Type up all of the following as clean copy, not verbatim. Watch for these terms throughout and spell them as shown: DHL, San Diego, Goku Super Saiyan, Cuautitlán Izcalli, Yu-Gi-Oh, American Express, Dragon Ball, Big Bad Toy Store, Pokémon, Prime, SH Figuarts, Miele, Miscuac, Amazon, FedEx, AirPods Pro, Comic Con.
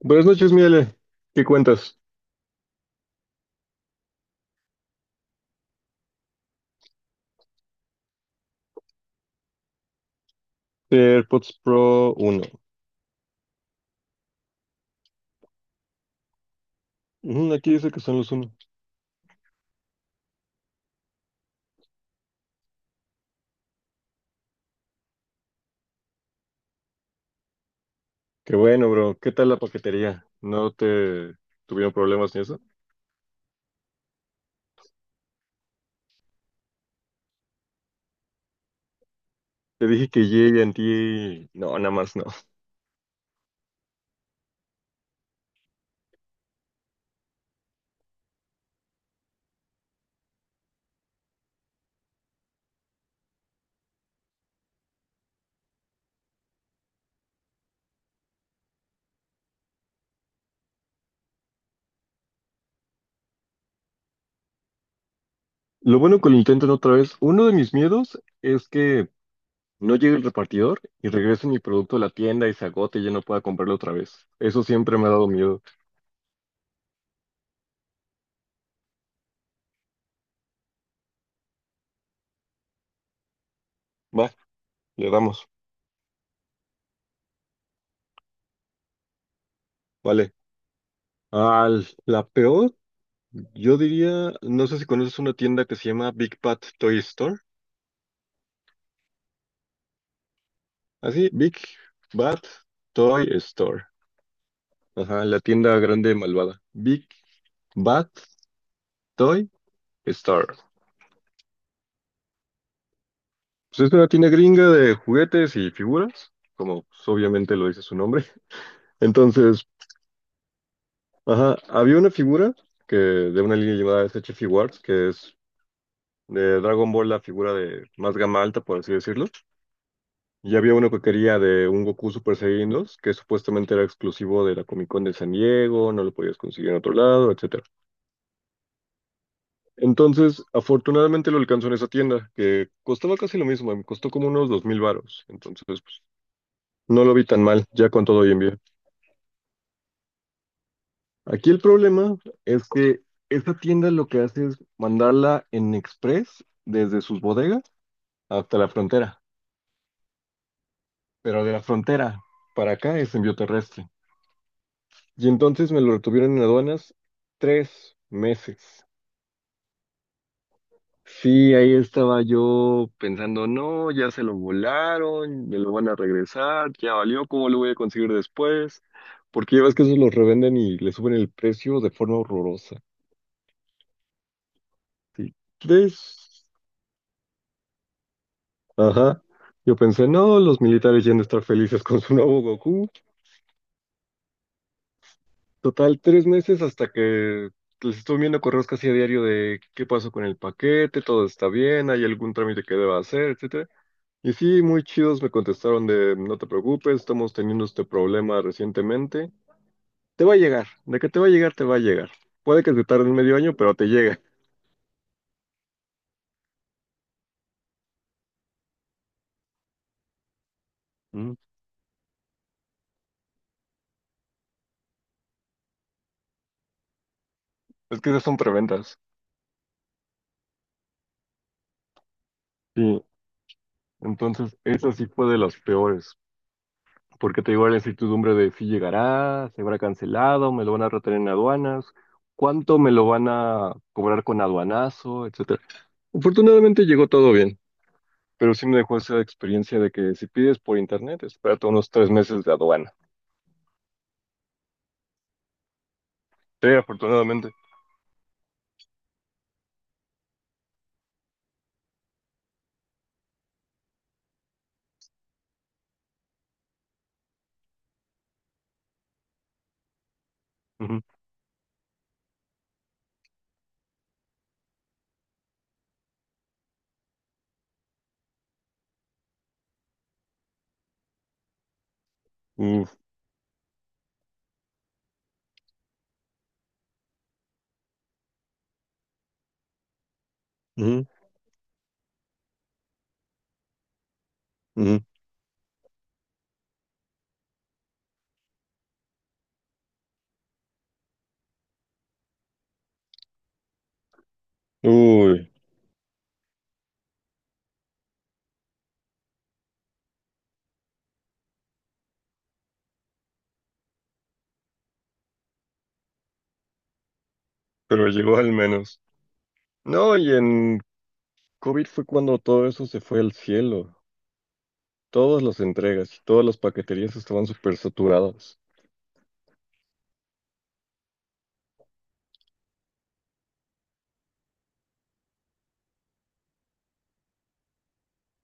Buenas noches, Miele. ¿Qué cuentas? AirPods Pro uno. Ujú, aquí dice que son los uno. Qué bueno, bro. ¿Qué tal la paquetería? ¿No te tuvieron problemas ni eso? Te dije que ti no, nada más no. Lo bueno que lo intenten otra vez. Uno de mis miedos es que no llegue el repartidor y regrese mi producto a la tienda y se agote y ya no pueda comprarlo otra vez. Eso siempre me ha dado miedo. Va, le damos. Vale. Ah, la peor. Yo diría, no sé si conoces una tienda que se llama Big Bad Toy Store. Así, Big Bad Toy Store. Ajá, la tienda grande malvada. Big Bad Toy Store. Pues es una tienda gringa de juguetes y figuras, como pues, obviamente lo dice su nombre. Entonces, ajá, había una figura que, de una línea llamada SH Figuarts, que es de Dragon Ball, la figura de más gama alta, por así decirlo. Y había uno que quería de un Goku Super Saiyan dos que supuestamente era exclusivo de la Comic Con de San Diego, no lo podías conseguir en otro lado, etcétera. Entonces, afortunadamente lo alcanzó en esa tienda, que costaba casi lo mismo, me costó como unos 2000 varos. Entonces, pues, no lo vi tan mal, ya con todo y envío. Aquí el problema es que esta tienda lo que hace es mandarla en express desde sus bodegas hasta la frontera, pero de la frontera para acá es envío terrestre. Y entonces me lo retuvieron en aduanas 3 meses. Sí, ahí estaba yo pensando, no, ya se lo volaron, me lo van a regresar, ya valió, ¿cómo lo voy a conseguir después? Porque ya ves que esos los revenden y le suben el precio de forma horrorosa. Sí. Tres. Ajá. Yo pensé, no, los militares ya han de estar felices con su nuevo Goku. Total, 3 meses hasta que les estuve viendo correos casi a diario de qué pasó con el paquete, todo está bien, hay algún trámite que deba hacer, etcétera. Y sí, muy chidos me contestaron de no te preocupes, estamos teniendo este problema recientemente. Te va a llegar, de que te va a llegar, te va a llegar. Puede que te tarde medio año, pero te llega. Mm. Es que esas son preventas. Sí, entonces esa sí fue de las peores, porque te digo la incertidumbre de si llegará, se habrá cancelado, me lo van a retener en aduanas, cuánto me lo van a cobrar con aduanazo, etcétera. Afortunadamente llegó todo bien, pero sí me dejó esa experiencia de que si pides por internet, espérate unos 3 meses de aduana. Sí, afortunadamente. Ujú. Uf, ujú, ujú. Uy, pero llegó al menos. No, y en COVID fue cuando todo eso se fue al cielo. Todas las entregas, todas las paqueterías estaban súper saturadas.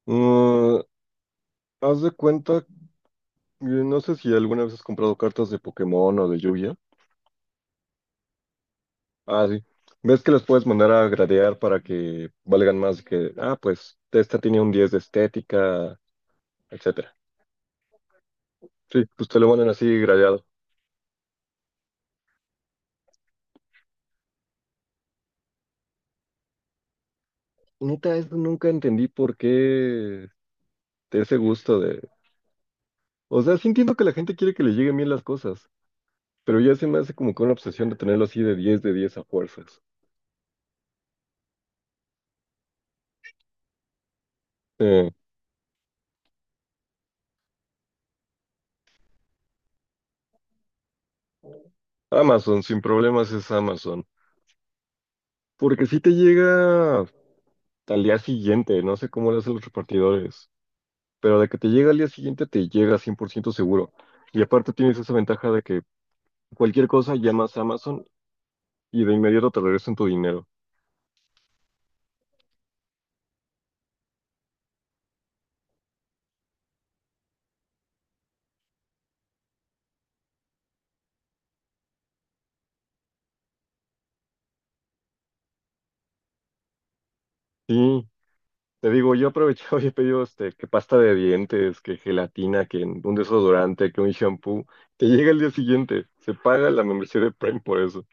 Mm, haz de cuenta, no sé si alguna vez has comprado cartas de Pokémon o de Yu-Gi-Oh. Ah, sí. ¿Ves que las puedes mandar a gradear para que valgan más que, ah, pues esta tiene un 10 de estética, etcétera? Sí, pues te lo mandan así gradeado. Neta, eso nunca entendí por qué de ese gusto de... O sea, sí entiendo que la gente quiere que le lleguen bien las cosas, pero ya se me hace como que una obsesión de tenerlo así de diez a fuerzas. Eh, Amazon, sin problemas es Amazon. Porque si te llega... al día siguiente, no sé cómo lo hacen los repartidores, pero de que te llega al día siguiente te llega 100% seguro. Y aparte tienes esa ventaja de que cualquier cosa llamas a Amazon y de inmediato te regresan tu dinero. Sí, te digo, yo aprovechaba y he pedido este, que pasta de dientes, que gelatina, que un desodorante, que un shampoo. Te llega al día siguiente, se paga la membresía de Prime por eso.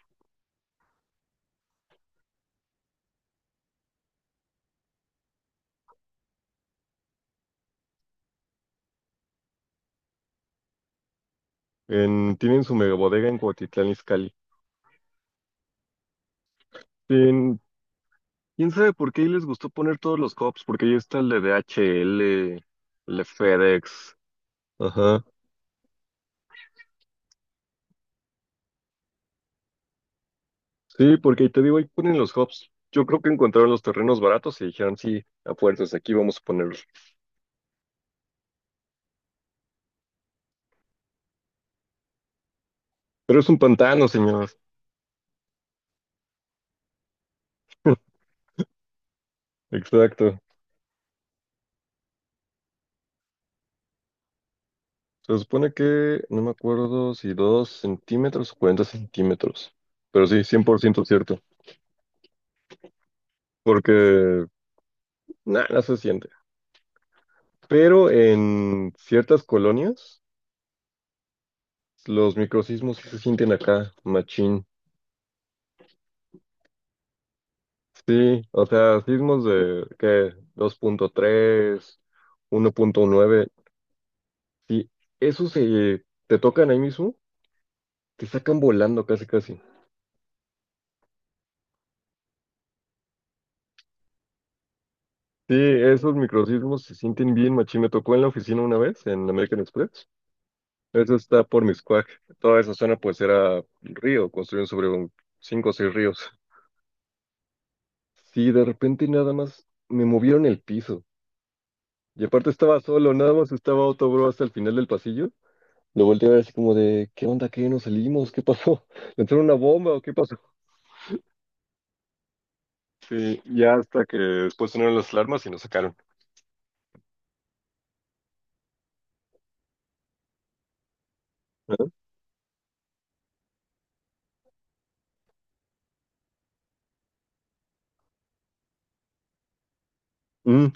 Tienen su mega bodega en Cuautitlán Izcalli. Sí, ¿quién sabe por qué ahí les gustó poner todos los cops? Porque ahí está el de DHL, el de FedEx. Ajá. Sí, porque ahí te digo, ahí ponen los hubs. Yo creo que encontraron los terrenos baratos y dijeron, sí, a fuerzas, aquí vamos a ponerlos. Pero es un pantano, señor. Exacto. Se supone que, no me acuerdo si 2 cm o 40 cm. Pero sí, 100% cierto. Porque nada, no se siente. Pero en ciertas colonias, los microsismos sí se sienten acá, machín. Sí, o sea, sismos de, ¿qué? 2.3, 1.9. Sí, esos se te tocan ahí mismo, te sacan volando casi, casi. Sí, esos microsismos se sienten bien, machín. Me tocó en la oficina una vez, en American Express. Eso está por Miscuac. Toda esa zona, pues, era río, construyeron sobre un cinco o seis ríos. Sí, de repente nada más me movieron el piso. Y aparte estaba solo, nada más estaba otro bro hasta el final del pasillo. Lo volteé a ver así como de, ¿qué onda? ¿Qué? ¿Nos salimos? ¿Qué pasó? ¿Entró una bomba o qué pasó? Sí, ya hasta que después sonaron las alarmas y nos sacaron. ¿Ah? Mm.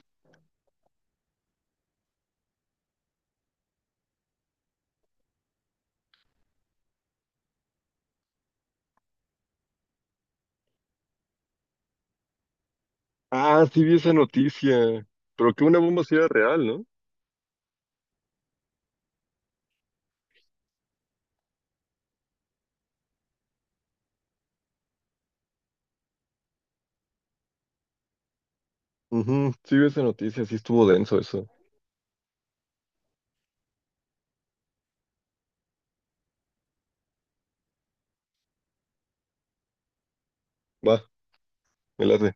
Ah, sí vi esa noticia. Pero que una bomba sí era real, ¿no? Ujú, sí, vi esa noticia, sí estuvo denso eso. Va, me late.